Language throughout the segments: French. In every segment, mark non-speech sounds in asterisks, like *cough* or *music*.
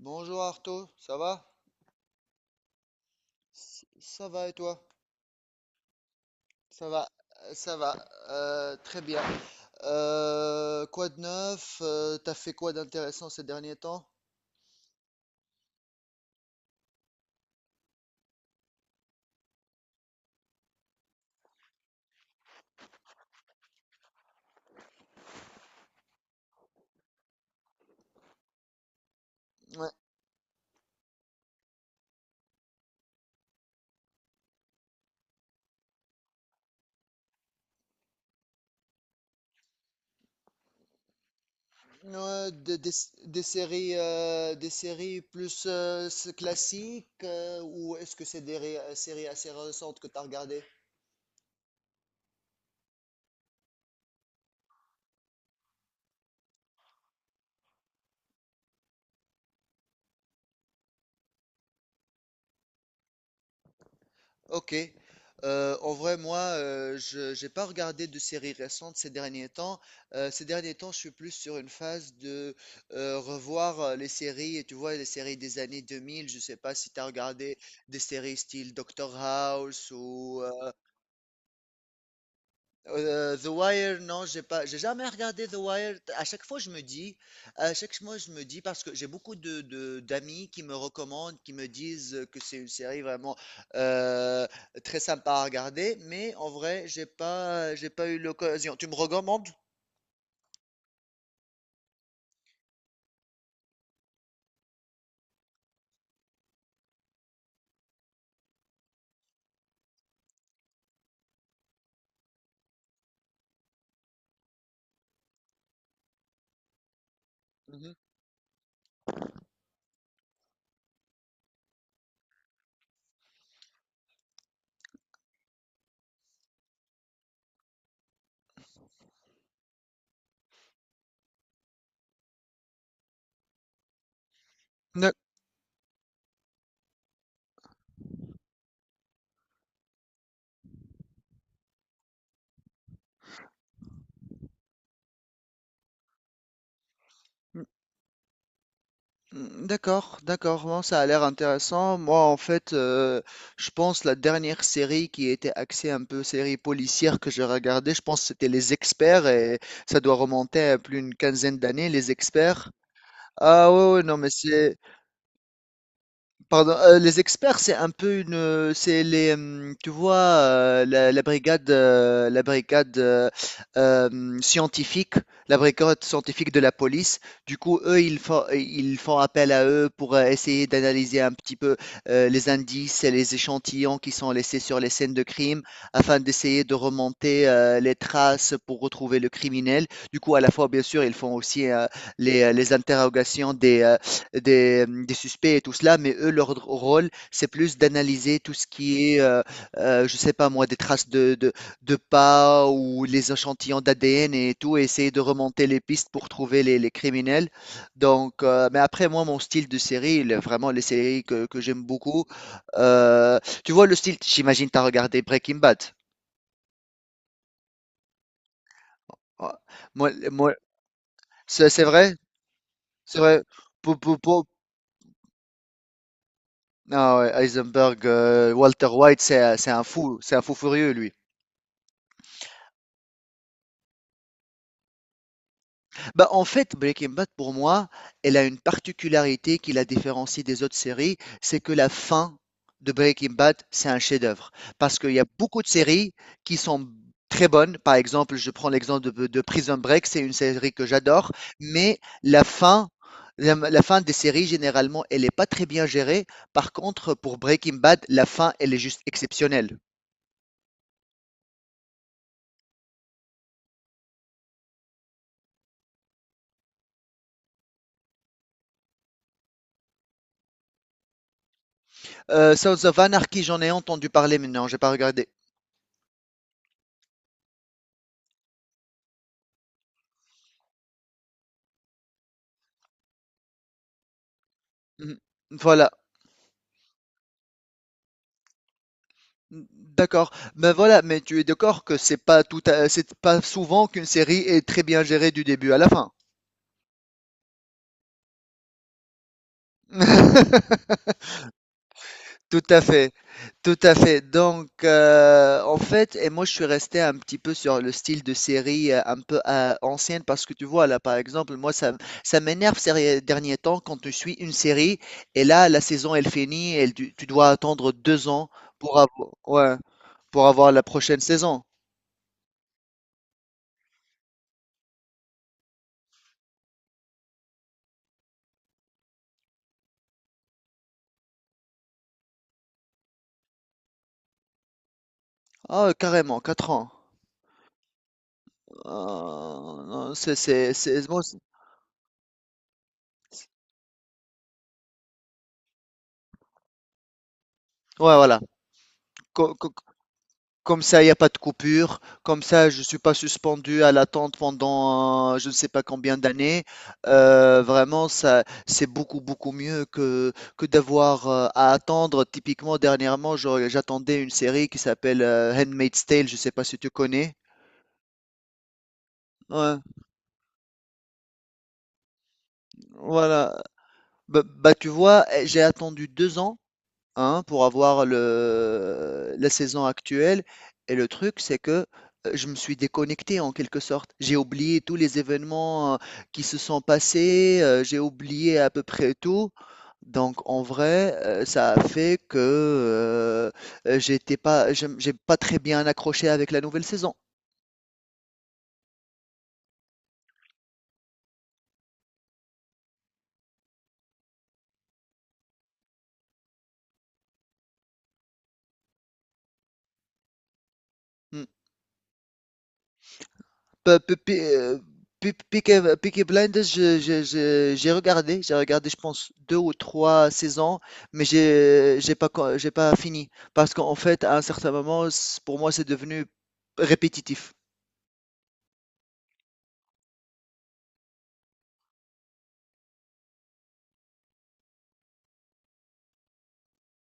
Bonjour Arto, ça va? Ça va et toi? Ça va, ça va, très bien. Quoi de neuf? T'as fait quoi d'intéressant ces derniers temps? Ouais, ouais, des séries, des séries plus classiques, ou est-ce que c'est des séries assez récentes que t'as regardées? Ok. En vrai, moi, je j'ai pas regardé de séries récentes ces derniers temps. Ces derniers temps, je suis plus sur une phase de revoir les séries, et tu vois, les séries des années 2000. Je sais pas si tu as regardé des séries style Doctor House ou The Wire. Non, j'ai jamais regardé The Wire. À chaque fois, je me dis, parce que j'ai beaucoup d'amis qui me recommandent, qui me disent que c'est une série vraiment euh, très sympa à regarder. Mais en vrai, j'ai pas eu l'occasion. Tu me recommandes? Mhm. D'ac- Mm. D'accord, d'accord, bon, ça a l'air intéressant. Moi, en fait, je pense la dernière série qui était axée un peu série policière que j'ai regardée, je pense que c'était Les Experts, et ça doit remonter à plus d'une quinzaine d'années, Les Experts. Ah, ouais, ouais, non, mais c'est... Pardon, les experts, c'est un peu c'est les, tu vois, la brigade, scientifique, la brigade scientifique de la police. Du coup, eux, ils font appel à eux pour, essayer d'analyser un petit peu, les indices et les échantillons qui sont laissés sur les scènes de crime afin d'essayer de remonter, les traces pour retrouver le criminel. Du coup, à la fois, bien sûr, ils font aussi, les interrogations des suspects et tout cela, mais eux, leur rôle, c'est plus d'analyser tout ce qui est, je sais pas moi, des traces de pas ou les échantillons d'ADN et tout, et essayer de remonter les pistes pour trouver les criminels. Donc, mais après moi, mon style de série, il est vraiment les séries que j'aime beaucoup. Tu vois le style, j'imagine tu as regardé Breaking Bad? Ouais. Moi c'est vrai? C'est vrai? Pour pou Ah, ouais, Heisenberg, Walter White, c'est un fou furieux lui. Bah en fait, Breaking Bad pour moi, elle a une particularité qui la différencie des autres séries, c'est que la fin de Breaking Bad, c'est un chef-d'œuvre. Parce qu'il y a beaucoup de séries qui sont très bonnes. Par exemple, je prends l'exemple de Prison Break, c'est une série que j'adore, mais la fin, la fin des séries généralement, elle n'est pas très bien gérée. Par contre, pour Breaking Bad, la fin, elle est juste exceptionnelle. Sons of Anarchy, j'en ai entendu parler, mais non, j'ai pas regardé. Mhm. Voilà. D'accord. Mais voilà. Mais tu es d'accord que c'est pas souvent qu'une série est très bien gérée du début à la fin. *laughs* Tout à fait, tout à fait. Donc, en fait, et moi je suis resté un petit peu sur le style de série un peu ancienne, parce que tu vois là, par exemple, moi, ça m'énerve ces derniers temps quand tu suis une série et là la saison elle finit, et tu dois attendre 2 ans pour avoir, ouais, pour avoir la prochaine saison. Ah, carrément, 4 ans. Non, ouais, voilà. Comme ça, il n'y a pas de coupure. Comme ça, je ne suis pas suspendu à l'attente pendant, je ne sais pas combien d'années. Vraiment, ça, c'est beaucoup, beaucoup mieux que d'avoir, à attendre. Typiquement, dernièrement, j'attendais une série qui s'appelle, Handmaid's Tale. Je ne sais pas si tu connais. Ouais, voilà. Bah, bah, tu vois, eh, j'ai attendu 2 ans, hein, pour avoir le la saison actuelle, et le truc, c'est que, je me suis déconnecté en quelque sorte. J'ai oublié tous les événements, qui se sont passés. J'ai oublié à peu près tout. Donc en vrai, ça a fait que, j'ai pas très bien accroché avec la nouvelle saison. Hmm. Pe- pe- pe- euh, Peaky Blinders, j'ai regardé, je pense, deux ou trois saisons, mais j'ai pas fini. Parce qu'en fait, à un certain moment, pour moi, c'est devenu répétitif.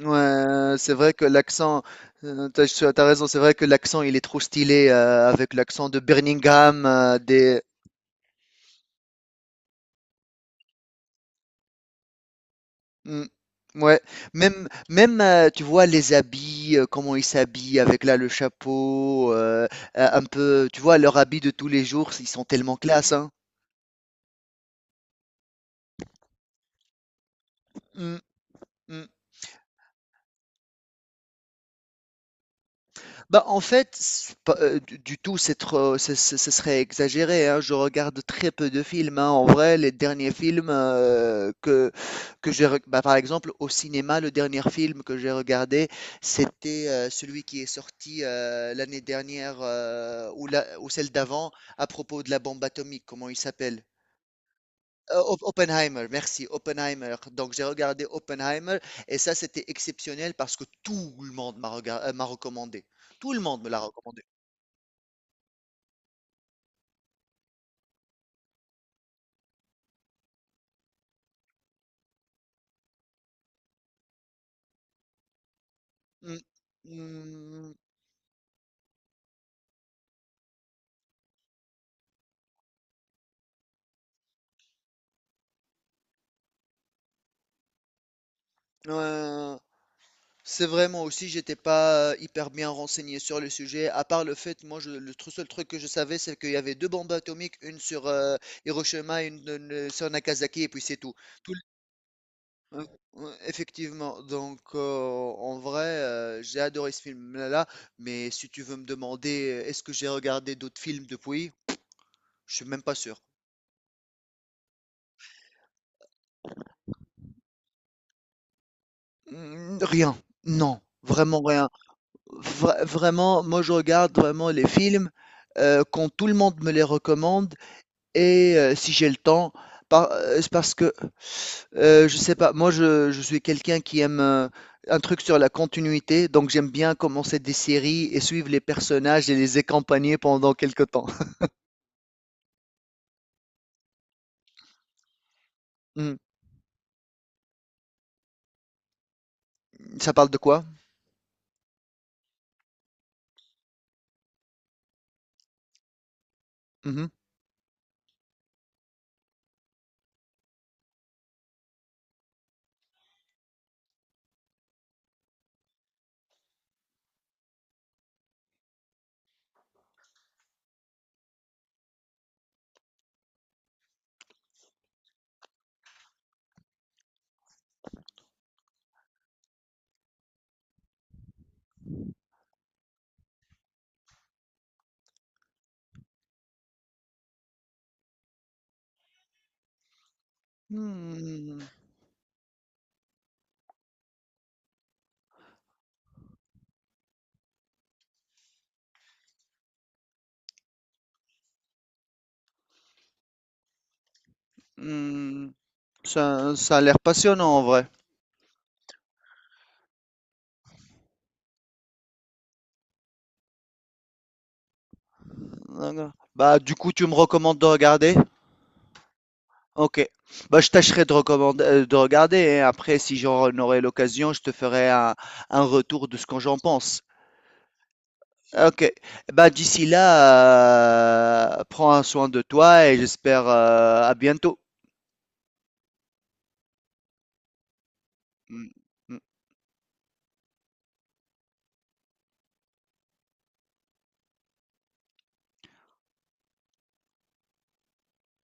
Ouais, c'est vrai que l'accent, t'as, tu as t'as raison, c'est vrai que l'accent, il est trop stylé, avec l'accent de Birmingham, Mm, ouais, même, même, tu vois les habits, comment ils s'habillent avec là le chapeau, un peu, tu vois leur habit de tous les jours, ils sont tellement classe, hein. Mm, mm. Bah, en fait, c'est pas, du tout, c'est trop, ce serait exagéré, hein. Je regarde très peu de films, hein. En vrai, les derniers films, que j'ai reg bah, par exemple, au cinéma, le dernier film que j'ai regardé, c'était, celui qui est sorti, l'année dernière, ou celle d'avant, à propos de la bombe atomique. Comment il s'appelle? Op Oppenheimer, merci, Oppenheimer. Donc j'ai regardé Oppenheimer, et ça, c'était exceptionnel parce que tout le monde m'a recommandé. Tout le monde me l'a recommandé. Mm. Mm. Euh, c'est vraiment aussi, j'étais pas hyper bien renseigné sur le sujet, à part le fait, moi, seul truc que je savais, c'est qu'il y avait deux bombes atomiques, une sur, Hiroshima, et une sur Nagasaki, et puis c'est tout. Tout le- euh, ouais, effectivement, donc, en vrai, j'ai adoré ce film-là, mais si tu veux me demander, est-ce que j'ai regardé d'autres films depuis, je suis même pas sûr. Mm, rien, non, vraiment rien. Vraiment, moi je regarde vraiment les films, quand tout le monde me les recommande, et si j'ai le temps, par c'est parce que, je sais pas, moi je suis quelqu'un qui aime, un truc sur la continuité. Donc j'aime bien commencer des séries et suivre les personnages et les accompagner pendant quelque temps. *laughs* Mmh. Ça parle de quoi? Mmh mh. Mmh. Mmh. Ça a l'air passionnant en vrai. D'accord. Bah, du coup, tu me recommandes de regarder? OK. Bah, je tâcherai de regarder, hein. Après, si j'en aurai l'occasion, je te ferai un retour de ce que j'en pense. OK. Bah, d'ici là, prends soin de toi et j'espère, à bientôt. Mmh. Mmh.